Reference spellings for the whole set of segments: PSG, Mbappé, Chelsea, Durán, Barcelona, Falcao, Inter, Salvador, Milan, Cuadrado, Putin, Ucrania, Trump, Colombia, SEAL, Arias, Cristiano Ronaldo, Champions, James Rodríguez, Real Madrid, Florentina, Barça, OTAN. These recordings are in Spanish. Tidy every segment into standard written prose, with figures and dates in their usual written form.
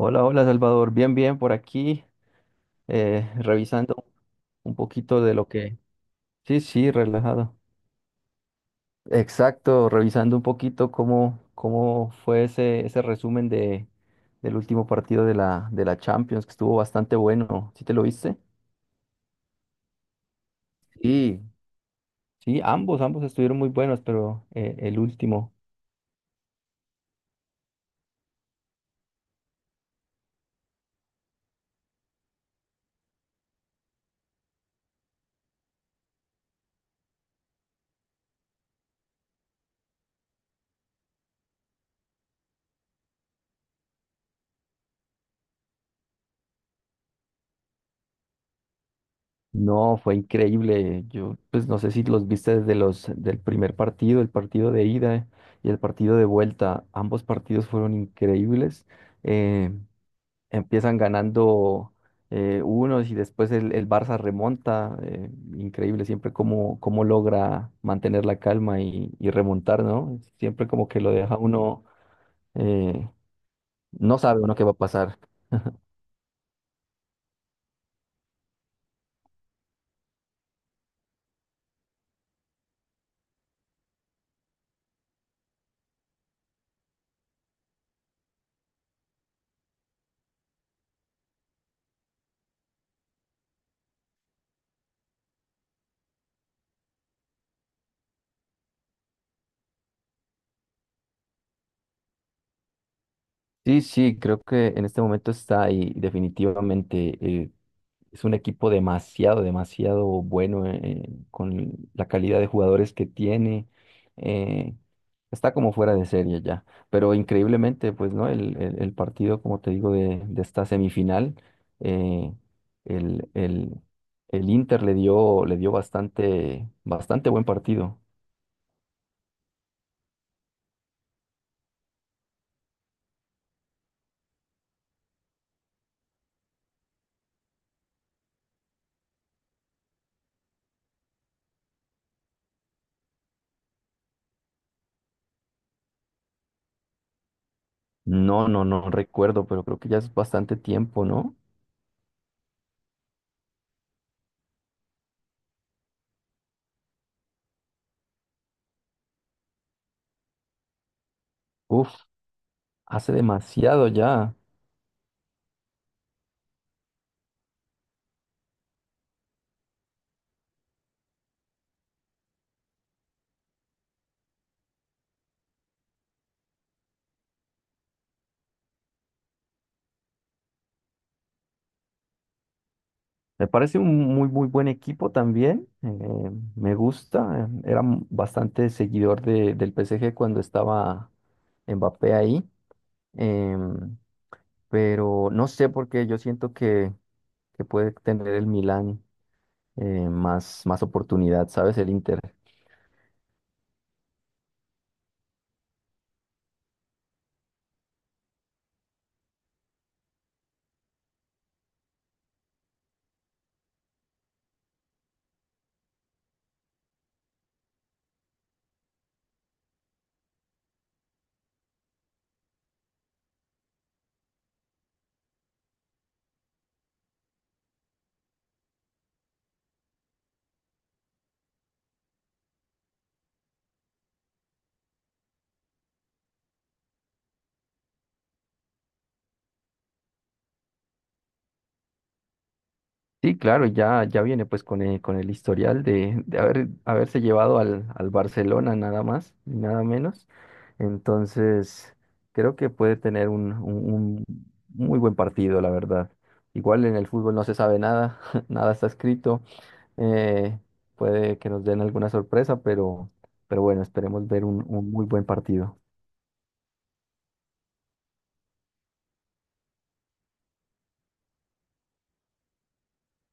Hola, hola Salvador, bien, bien por aquí, revisando un poquito de lo que... Sí, sí, relajado. Exacto, revisando un poquito cómo fue ese resumen del último partido de de la Champions, que estuvo bastante bueno. ¿Sí te lo viste? Sí, sí, ambos estuvieron muy buenos, pero el último. No, fue increíble. Yo, pues no sé si los viste desde los del primer partido, el partido de ida y el partido de vuelta. Ambos partidos fueron increíbles. Eh, Empiezan ganando unos y después el Barça remonta. Increíble siempre cómo logra mantener la calma y remontar, ¿no? Siempre como que lo deja uno, eh, no sabe uno qué va a pasar. Sí, sí, creo que en este momento está y definitivamente. eh, Es un equipo demasiado bueno con la calidad de jugadores que tiene. eh, Está como fuera de serie ya. Pero increíblemente, pues, ¿no? El partido, como te digo, de esta semifinal, eh, el, el- el Inter le dio bastante buen partido. No, no, no recuerdo, pero creo que ya es bastante tiempo, ¿no? Uf, hace demasiado ya. Me parece un muy buen equipo también. Me gusta. Era bastante seguidor del PSG cuando estaba Mbappé ahí. em, pero no sé por qué yo siento que puede tener el Milan eh, más oportunidad, ¿sabes? El Inter. Sí, claro, ya, ya viene pues con con el historial de haberse llevado al Barcelona nada más y nada menos. Entonces, creo que puede tener un muy buen partido, la verdad. Igual en el fútbol no se sabe nada, nada está escrito. eh, Puede que nos den alguna sorpresa, pero bueno, esperemos ver un muy buen partido.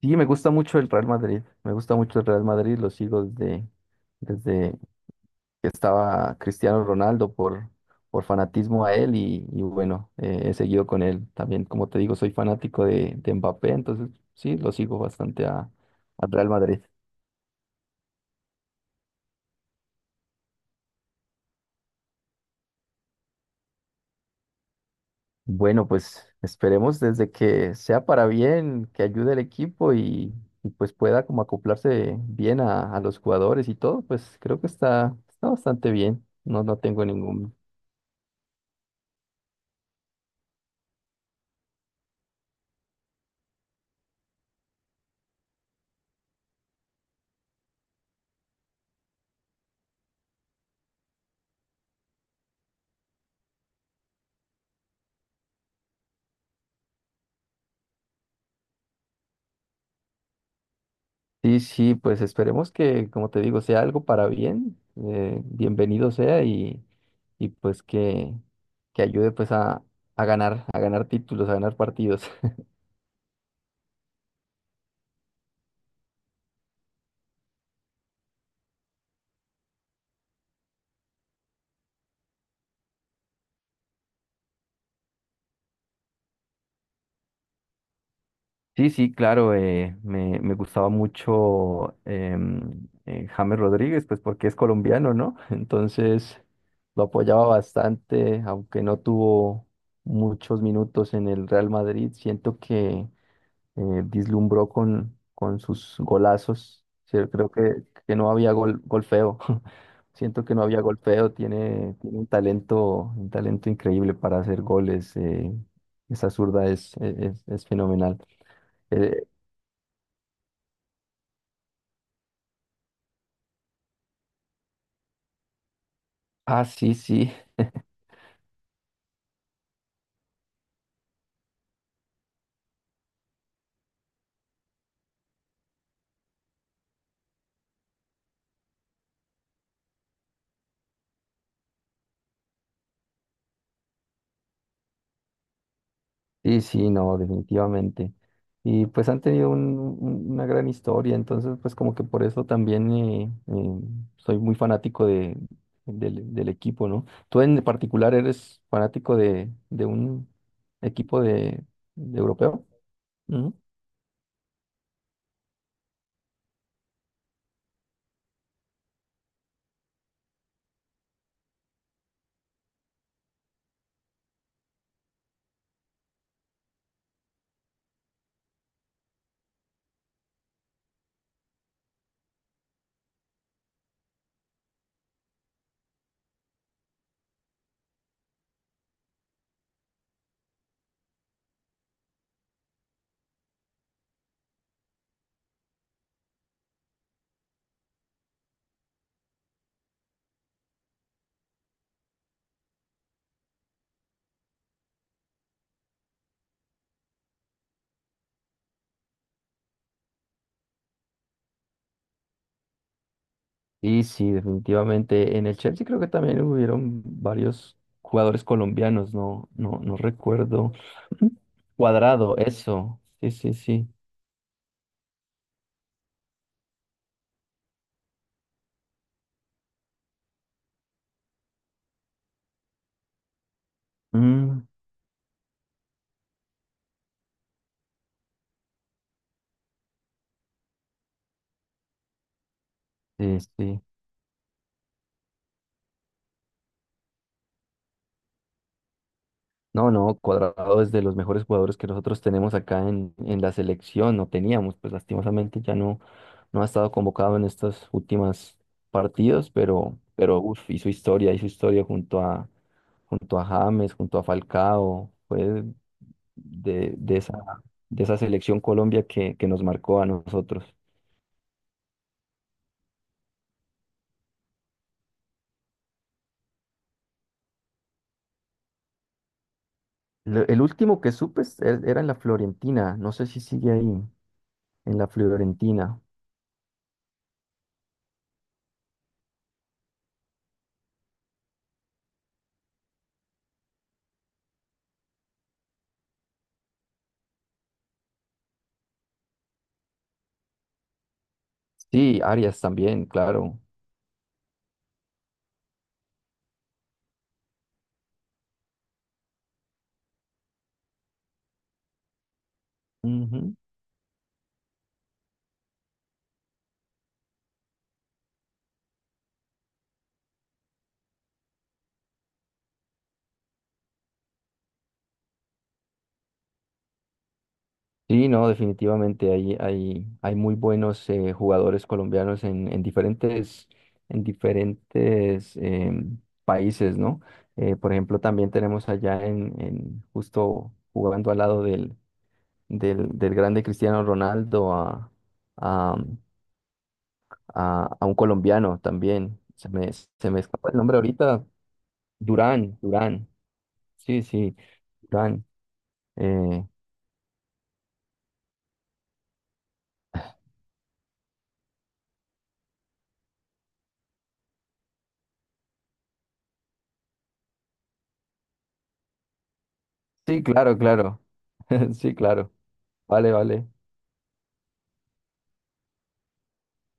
Sí, me gusta mucho el Real Madrid, me gusta mucho el Real Madrid, lo sigo desde que estaba Cristiano Ronaldo por fanatismo a él y bueno, he seguido con él. También, como te digo, soy fanático de Mbappé, entonces sí, lo sigo bastante a, al Real Madrid. Bueno, pues esperemos desde que sea para bien, que ayude al equipo y, pues pueda como acoplarse bien a los jugadores y todo, pues creo que está, está bastante bien. No, no tengo ningún. Sí, sí, pues esperemos que, como te digo, sea algo para bien, bienvenido sea y pues que ayude pues a a ganar títulos, a ganar partidos. Sí, sí, claro, me, me gustaba mucho James Rodríguez, pues porque es colombiano, ¿no? Entonces lo apoyaba bastante, aunque no tuvo muchos minutos en el Real Madrid, siento que... Deslumbró con sus golazos. Sí, creo que no había gol, gol feo. Siento que no había gol feo. Tiene, tiene un talento increíble para hacer goles. Esa zurda es fenomenal. Eh, ah, sí, sí. Sí, sí, no, definitivamente. Y pues han tenido una gran historia, entonces pues como que por eso también soy muy fanático del equipo, ¿no? ¿Tú en particular eres fanático de un equipo de europeo? Ujú. Sí, sí, definitivamente. En el Chelsea creo que también hubieron varios jugadores colombianos, no, no, no recuerdo. Cuadrado, eso. Sí, sí, sí. Mm, sí, sí. No, no, Cuadrado es de los mejores jugadores que nosotros tenemos acá en la selección, no teníamos, pues lastimosamente ya no, no ha estado convocado en estos últimos partidos, pero uf, hizo historia junto a, junto a James, junto a Falcao, fue de, de esa, de esa selección Colombia que nos marcó a nosotros. El último que supe era en la Florentina, no sé si sigue ahí, en la Florentina. Sí, Arias también, claro. Ujú. Sí, no, definitivamente hay, hay, hay muy buenos jugadores colombianos en diferentes países, ¿no? Por ejemplo, también tenemos allá en justo jugando al lado del grande Cristiano Ronaldo a, a un colombiano también. Se me escapa el nombre ahorita. Durán, Durán. Sí, sí, Durán. Eh, sí, claro, claro. Sí, claro. Vale, vale.